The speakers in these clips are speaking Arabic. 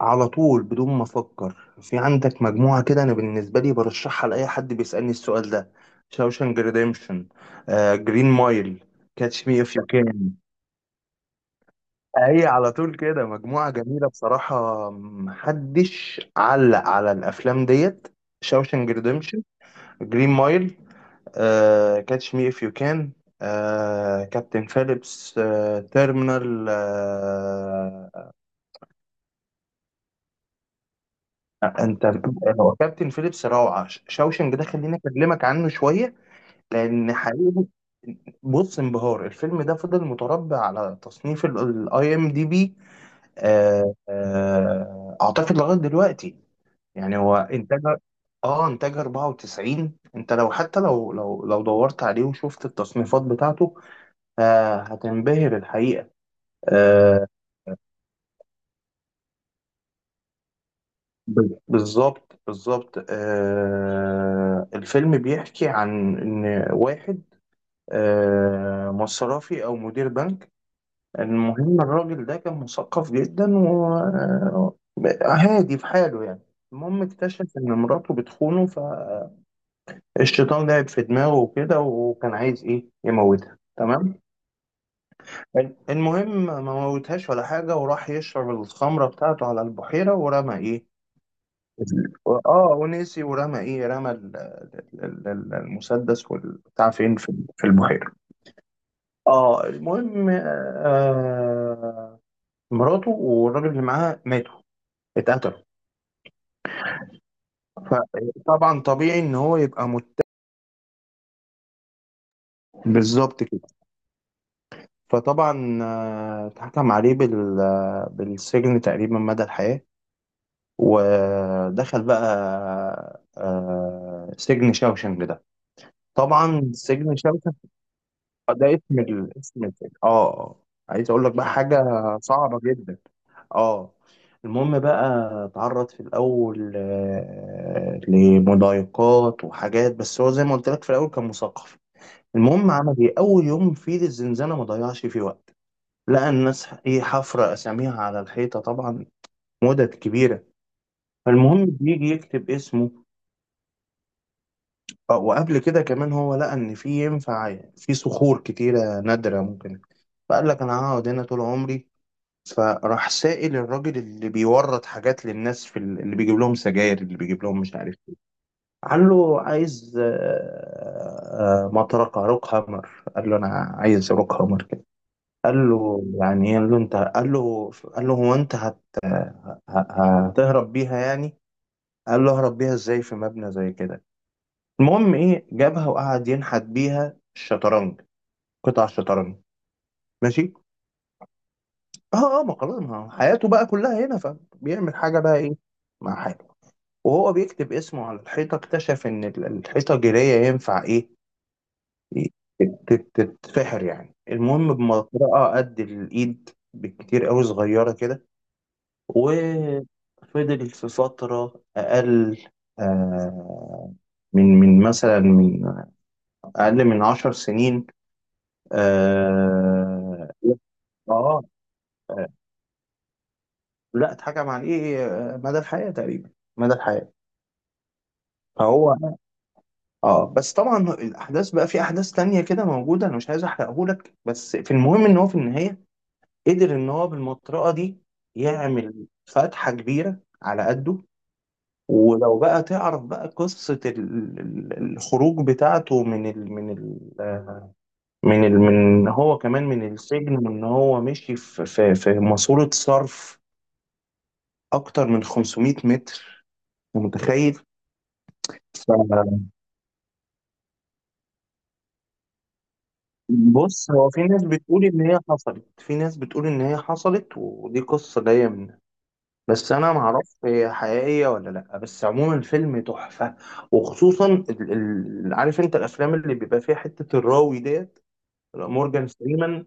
على طول بدون ما افكر. في عندك مجموعه كده، انا بالنسبه لي برشحها لاي حد بيسالني السؤال ده. شاوشانج ريديمشن، جرين مايل، كاتش مي اف يو كان. هي على طول كده مجموعه جميله بصراحه، محدش علق على الافلام ديت. شاوشانج ريديمشن، جرين مايل، كاتش مي اف يو كان، كابتن فيليبس، تيرمينال انت. هو كابتن فيليبس روعه. شاوشنج ده خليني اكلمك عنه شويه، لان حقيقي. بص، انبهار الفيلم ده فضل متربع على تصنيف الاي ام دي بي، اعتقد لغايه دلوقتي. يعني هو انتاج، اه، انتاج 94. انت لو حتى، لو لو دورت عليه وشفت التصنيفات بتاعته هتنبهر الحقيقه. آه بالظبط، بالظبط، الفيلم بيحكي عن ان واحد مصرفي او مدير بنك. المهم الراجل ده كان مثقف جدا وهادي في حاله يعني. المهم اكتشف ان مراته بتخونه، فالشيطان لعب في دماغه وكده، وكان عايز ايه، يموتها تمام. المهم ما موتهاش ولا حاجه، وراح يشرب الخمره بتاعته على البحيره، ورمى ايه. اه، ونسي، ورمى ايه، رمى المسدس والبتاع فين، في البحيره. اه المهم مراته والراجل اللي معاها ماتوا، اتقتلوا. فطبعا طبيعي ان هو يبقى مت... بالظبط كده. فطبعا اتحكم عليه بال... بالسجن تقريبا مدى الحياة، ودخل بقى سجن شاوشنج ده. طبعا سجن شاوشنج ده اسم ال... اسم السجن اه آه. عايز اقول لك بقى حاجة صعبة جدا. اه المهم بقى اتعرض في الاول لمضايقات وحاجات، بس هو زي ما قلت لك في الاول كان مثقف. المهم عمل ايه اول يوم في الزنزانه، ما ضيعش فيه وقت. لقى الناس ايه، حفره اساميها على الحيطه طبعا، مدد كبيره. فالمهم بيجي يكتب اسمه، وقبل كده كمان هو لقى ان في ينفع في صخور كتيره نادره ممكن. فقال لك انا هقعد هنا طول عمري. فراح سائل الراجل اللي بيورد حاجات للناس في اللي بيجيب لهم سجاير، اللي بيجيب لهم مش عارف ايه. قال له عايز مطرقة روك هامر. قال له انا عايز روك هامر كده. قال له يعني ايه، قال له انت، قال له هو انت ه- هتهرب بيها يعني. قال له اهرب بيها ازاي في مبنى زي كده. المهم ايه، جابها وقعد ينحت بيها الشطرنج، قطع الشطرنج. ماشي. اه اه، ما خلاص ما هو حياته بقى كلها هنا، فبيعمل حاجة بقى ايه مع. وهو بيكتب اسمه على الحيطة اكتشف إن الحيطة جيرية ينفع إيه، تتفحر يعني. المهم بمطرقة قد الإيد بالكتير قوي، صغيرة كده، وفضل في فترة أقل آه، من مثلا من أقل من 10 سنين. آه آه آه، لا اتحكم عليه مدى الحياة تقريبا، مدى الحياة. فهو اه، بس طبعا الاحداث بقى، في احداث تانية كده موجوده انا مش عايز احرقهولك، بس في المهم ان هو في النهايه قدر ان هو بالمطرقه دي يعمل فتحه كبيره على قده. ولو بقى تعرف بقى قصه الخروج بتاعته من ال من هو كمان من السجن، وان هو مشي في في ماسوره صرف اكتر من 500 متر. أنت متخيل؟ بص، هو في ناس بتقول ان هي حصلت، ودي قصه جايه منها، بس انا معرفش هي حقيقيه ولا لا. بس عموما الفيلم تحفه. وخصوصا ال... ال... عارف انت الافلام اللي بيبقى فيها حته الراوي ديت، مورجان فريمان.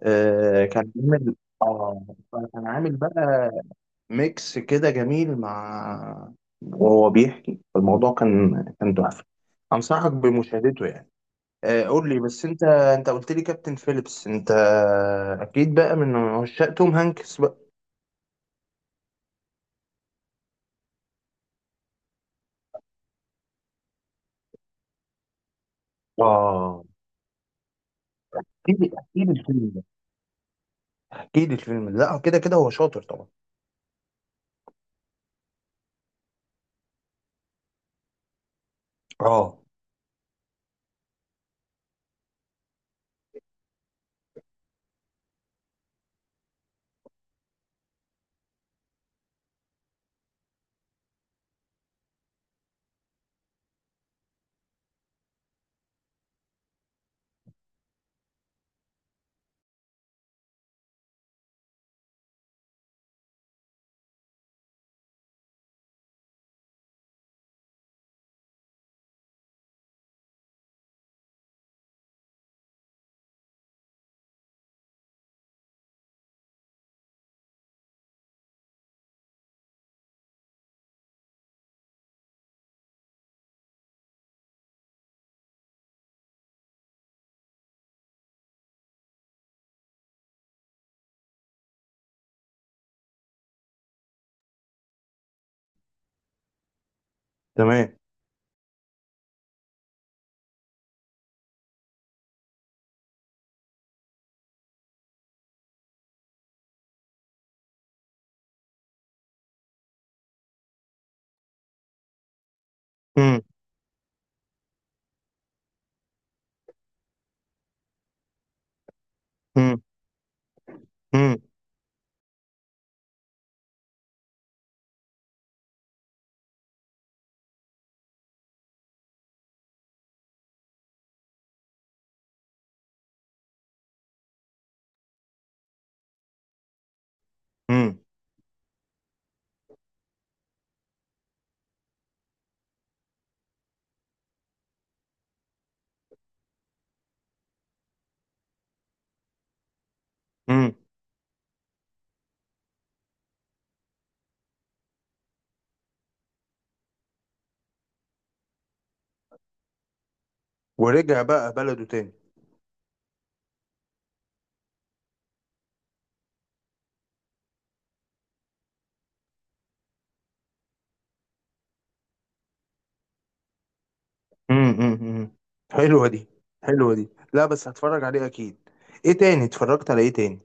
آه كان عامل، اه كان عامل بقى ميكس كده جميل مع، وهو بيحكي الموضوع كان، تحفه. انصحك بمشاهدته يعني. قول لي بس انت، قلت لي كابتن فيليبس، انت اكيد بقى من عشاق توم هانكس بقى. اه. احكي لي الفيلم ده، احكي لي الفيلم ده، لا كده كده هو شاطر طبعا. اه تمام. امم، امم، امم، امم، امم. ورجع بقى بلده تاني. امم، امم. حلوه دي. حلوه دي، لا بس هتفرج عليه اكيد. ايه تاني، اتفرجت على ايه تاني؟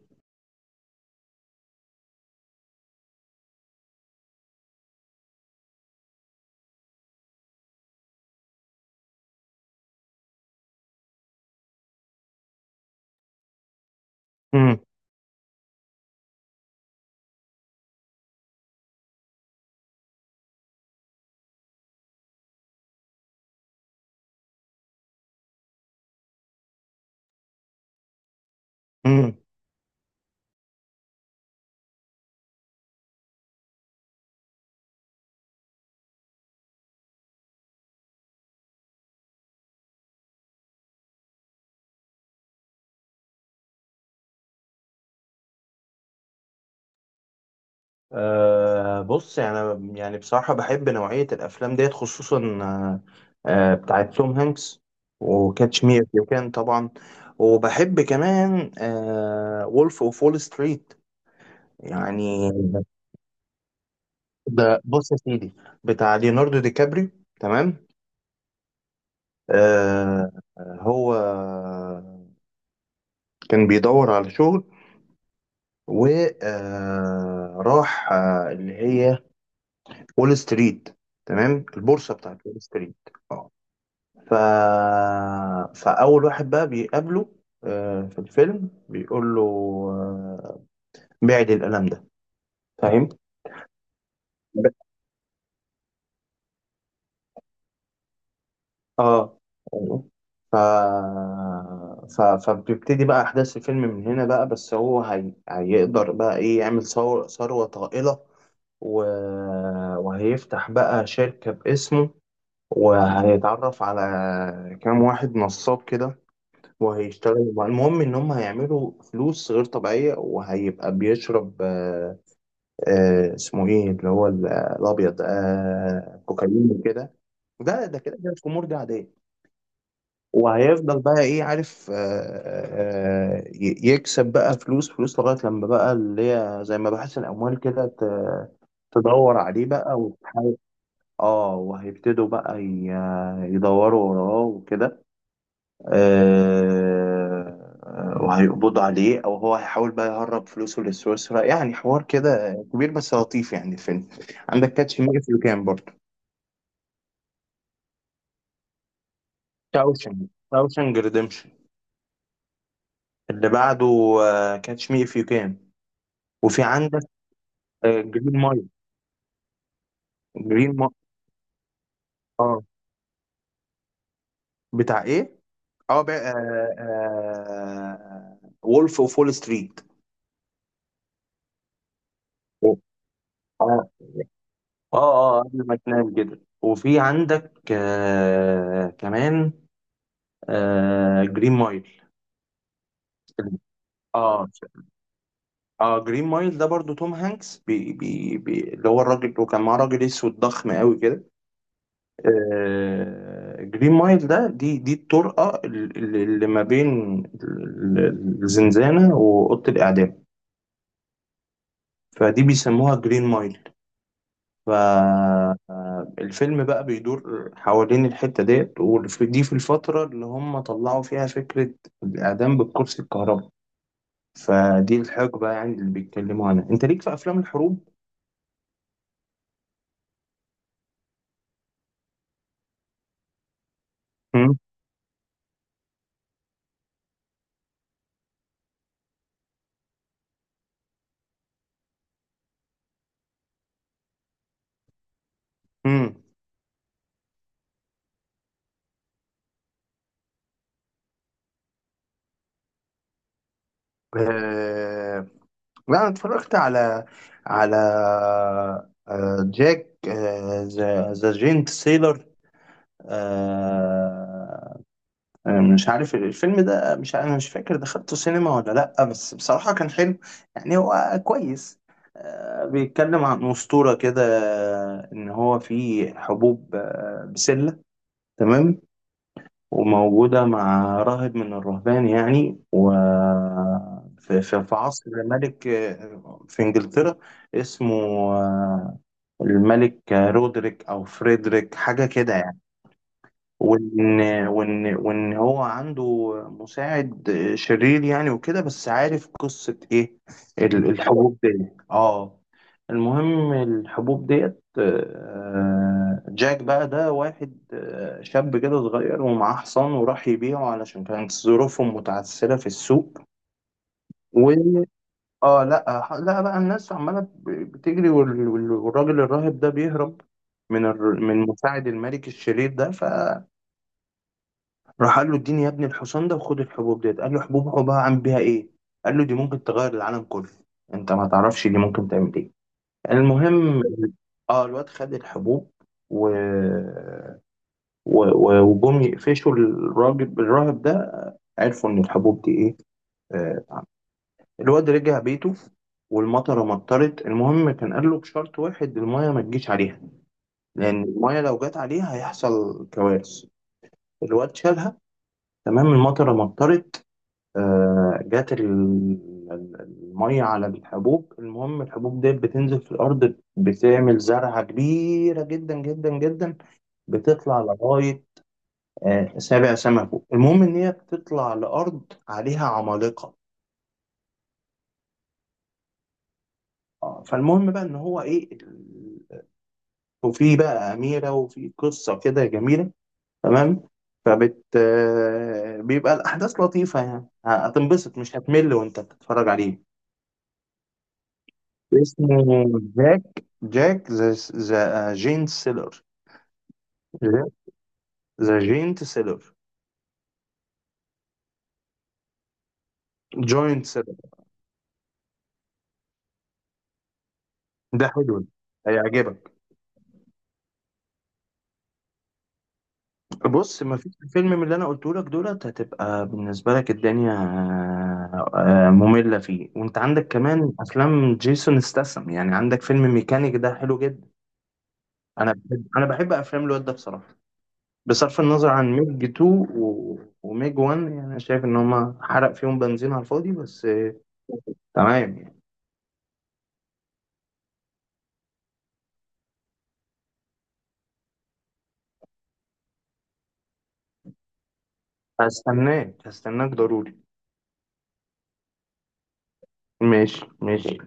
امم. أه بص، يعني يعني بصراحة بحب نوعية الأفلام ديت خصوصا آه، بتاعت توم هانكس، وكاتش مي إف يو كان طبعا، وبحب كمان وولف أوف وول ستريت يعني. ده بص يا سيدي، بتاع ليوناردو دي كابريو، تمام. أه. هو كان بيدور على شغل وراح اللي هي وول ستريت، تمام، البورصة بتاعت وول ستريت. ف... فأول واحد بقى بيقابله في الفيلم بيقول له آه، بعد القلم ده، فاهم؟ ب- اه أيوه. ف... فبتبتدي بقى أحداث الفيلم من هنا بقى، بس هو هي... هيقدر بقى إيه، يعمل ثور... ثروة طائلة، و... وهيفتح بقى شركة باسمه، وهيتعرف على كام واحد نصاب كده، وهيشتغل المهم ان هم هيعملوا فلوس غير طبيعيه، وهيبقى بيشرب آه، اسمه ايه اللي هو الابيض، آه كوكايين وكده. ده ده كده كده الخمور دي عاديه. وهيفضل بقى ايه عارف، يكسب بقى فلوس، لغايه لما بقى اللي هي زي ما بحث الاموال كده تدور عليه بقى وتحاول. اه وهيبتدوا بقى يدوروا وراه وكده، آه، وهيقبضوا عليه، او هو هيحاول بقى يهرب فلوسه لسويسرا، يعني حوار كده كبير بس لطيف يعني الفيلم. عندك كاتش مي اف يو كان برضه. شاوشنج، شاوشنج ريديمشن. اللي بعده، كاتش مي اف يو كان. وفي عندك جرين مايل. جرين مايل، اه. بتاع ايه؟ اه بقى، آه وولف اوف وول ستريت. اه. اه اه، قبل ما تنام كده. وفي عندك آه كمان آه جرين مايل. اه اه، جرين مايل ده برضو توم هانكس، بي بي بي اللي هو الراجل، وكان معاه راجل اسود ضخم قوي كده. آه جرين مايل ده دي الطرقه اللي، اللي ما بين ال- الزنزانه واوضه الاعدام. فدي بيسموها جرين مايل. فالفيلم بقى بيدور حوالين الحته ديت، ودي في الفتره اللي هم طلعوا فيها فكره الاعدام بالكرسي الكهربائي. فدي الحقبة يعني اللي بيتكلموا عنها، انت ليك في افلام الحروب. مم. مم. آه... لا انا اتفرجت على، على آه... جاك آه... ذا جينت سيلر. آه... مش عارف الفيلم ده، مش انا مش فاكر دخلته سينما ولا لا، بس بصراحة كان حلو يعني، هو كويس. آه... بيتكلم عن أسطورة كده، ان هو في حبوب بسلة تمام، وموجودة مع راهب من الرهبان يعني، و في عصر ملك في إنجلترا اسمه آه، الملك رودريك أو فريدريك حاجة كده يعني. وان وان هو عنده مساعد شرير يعني وكده، بس عارف قصة ايه، الحبوب دي، اه. المهم الحبوب ديت جاك بقى ده واحد شاب كده صغير، ومعاه حصان، وراح يبيعه علشان كانت ظروفهم متعثرة في السوق. و اه لا، لا بقى الناس عمالة بتجري، والراجل الراهب ده بيهرب من من مساعد الملك الشرير ده ف راح قال له اديني يا ابني الحصان ده، وخد الحبوب ديت. قال له حبوب، حبها عامل بيها ايه. قال له دي ممكن تغير العالم كله، انت ما تعرفش دي ممكن تعمل ايه. المهم اه الواد خد الحبوب، و... وجم يقفشوا الراجل الراهب ده، عرفوا ان الحبوب دي ايه. آه. الواد رجع بيته، والمطره مطرت. المهم كان قال له بشرط واحد، المايه ما تجيش عليها، لان المايه لو جت عليها هيحصل كوارث. الواد شالها تمام، المطره مطرت جات المية على الحبوب. المهم الحبوب ديت بتنزل في الأرض، بتعمل زرعة كبيرة جدا جدا جدا، بتطلع لغاية سابع سما فوق. المهم إن هي بتطلع لأرض عليها عمالقة. فالمهم بقى إن هو إيه، وفي بقى أميرة، وفي قصة كده جميلة تمام. فبت بيبقى الأحداث لطيفة يعني، هتنبسط مش هتمل وأنت بتتفرج عليه. اسمه جاك، جاك ذا جينت سيلر. جاك ذا جينت سيلر، جوينت سيلر. ده حلو ده، هيعجبك. بص، ما فيش فيلم من اللي انا قلته لك دولت هتبقى بالنسبه لك الدنيا ممله فيه. وانت عندك كمان افلام جيسون استسم يعني، عندك فيلم ميكانيك ده حلو جدا. انا بحب، افلام الواد ده بصراحه، بصرف النظر عن ميج 2 وميج 1، يعني انا شايف ان هما حرق فيهم بنزين على الفاضي، بس تمام. هستناك ضروري. ماشي.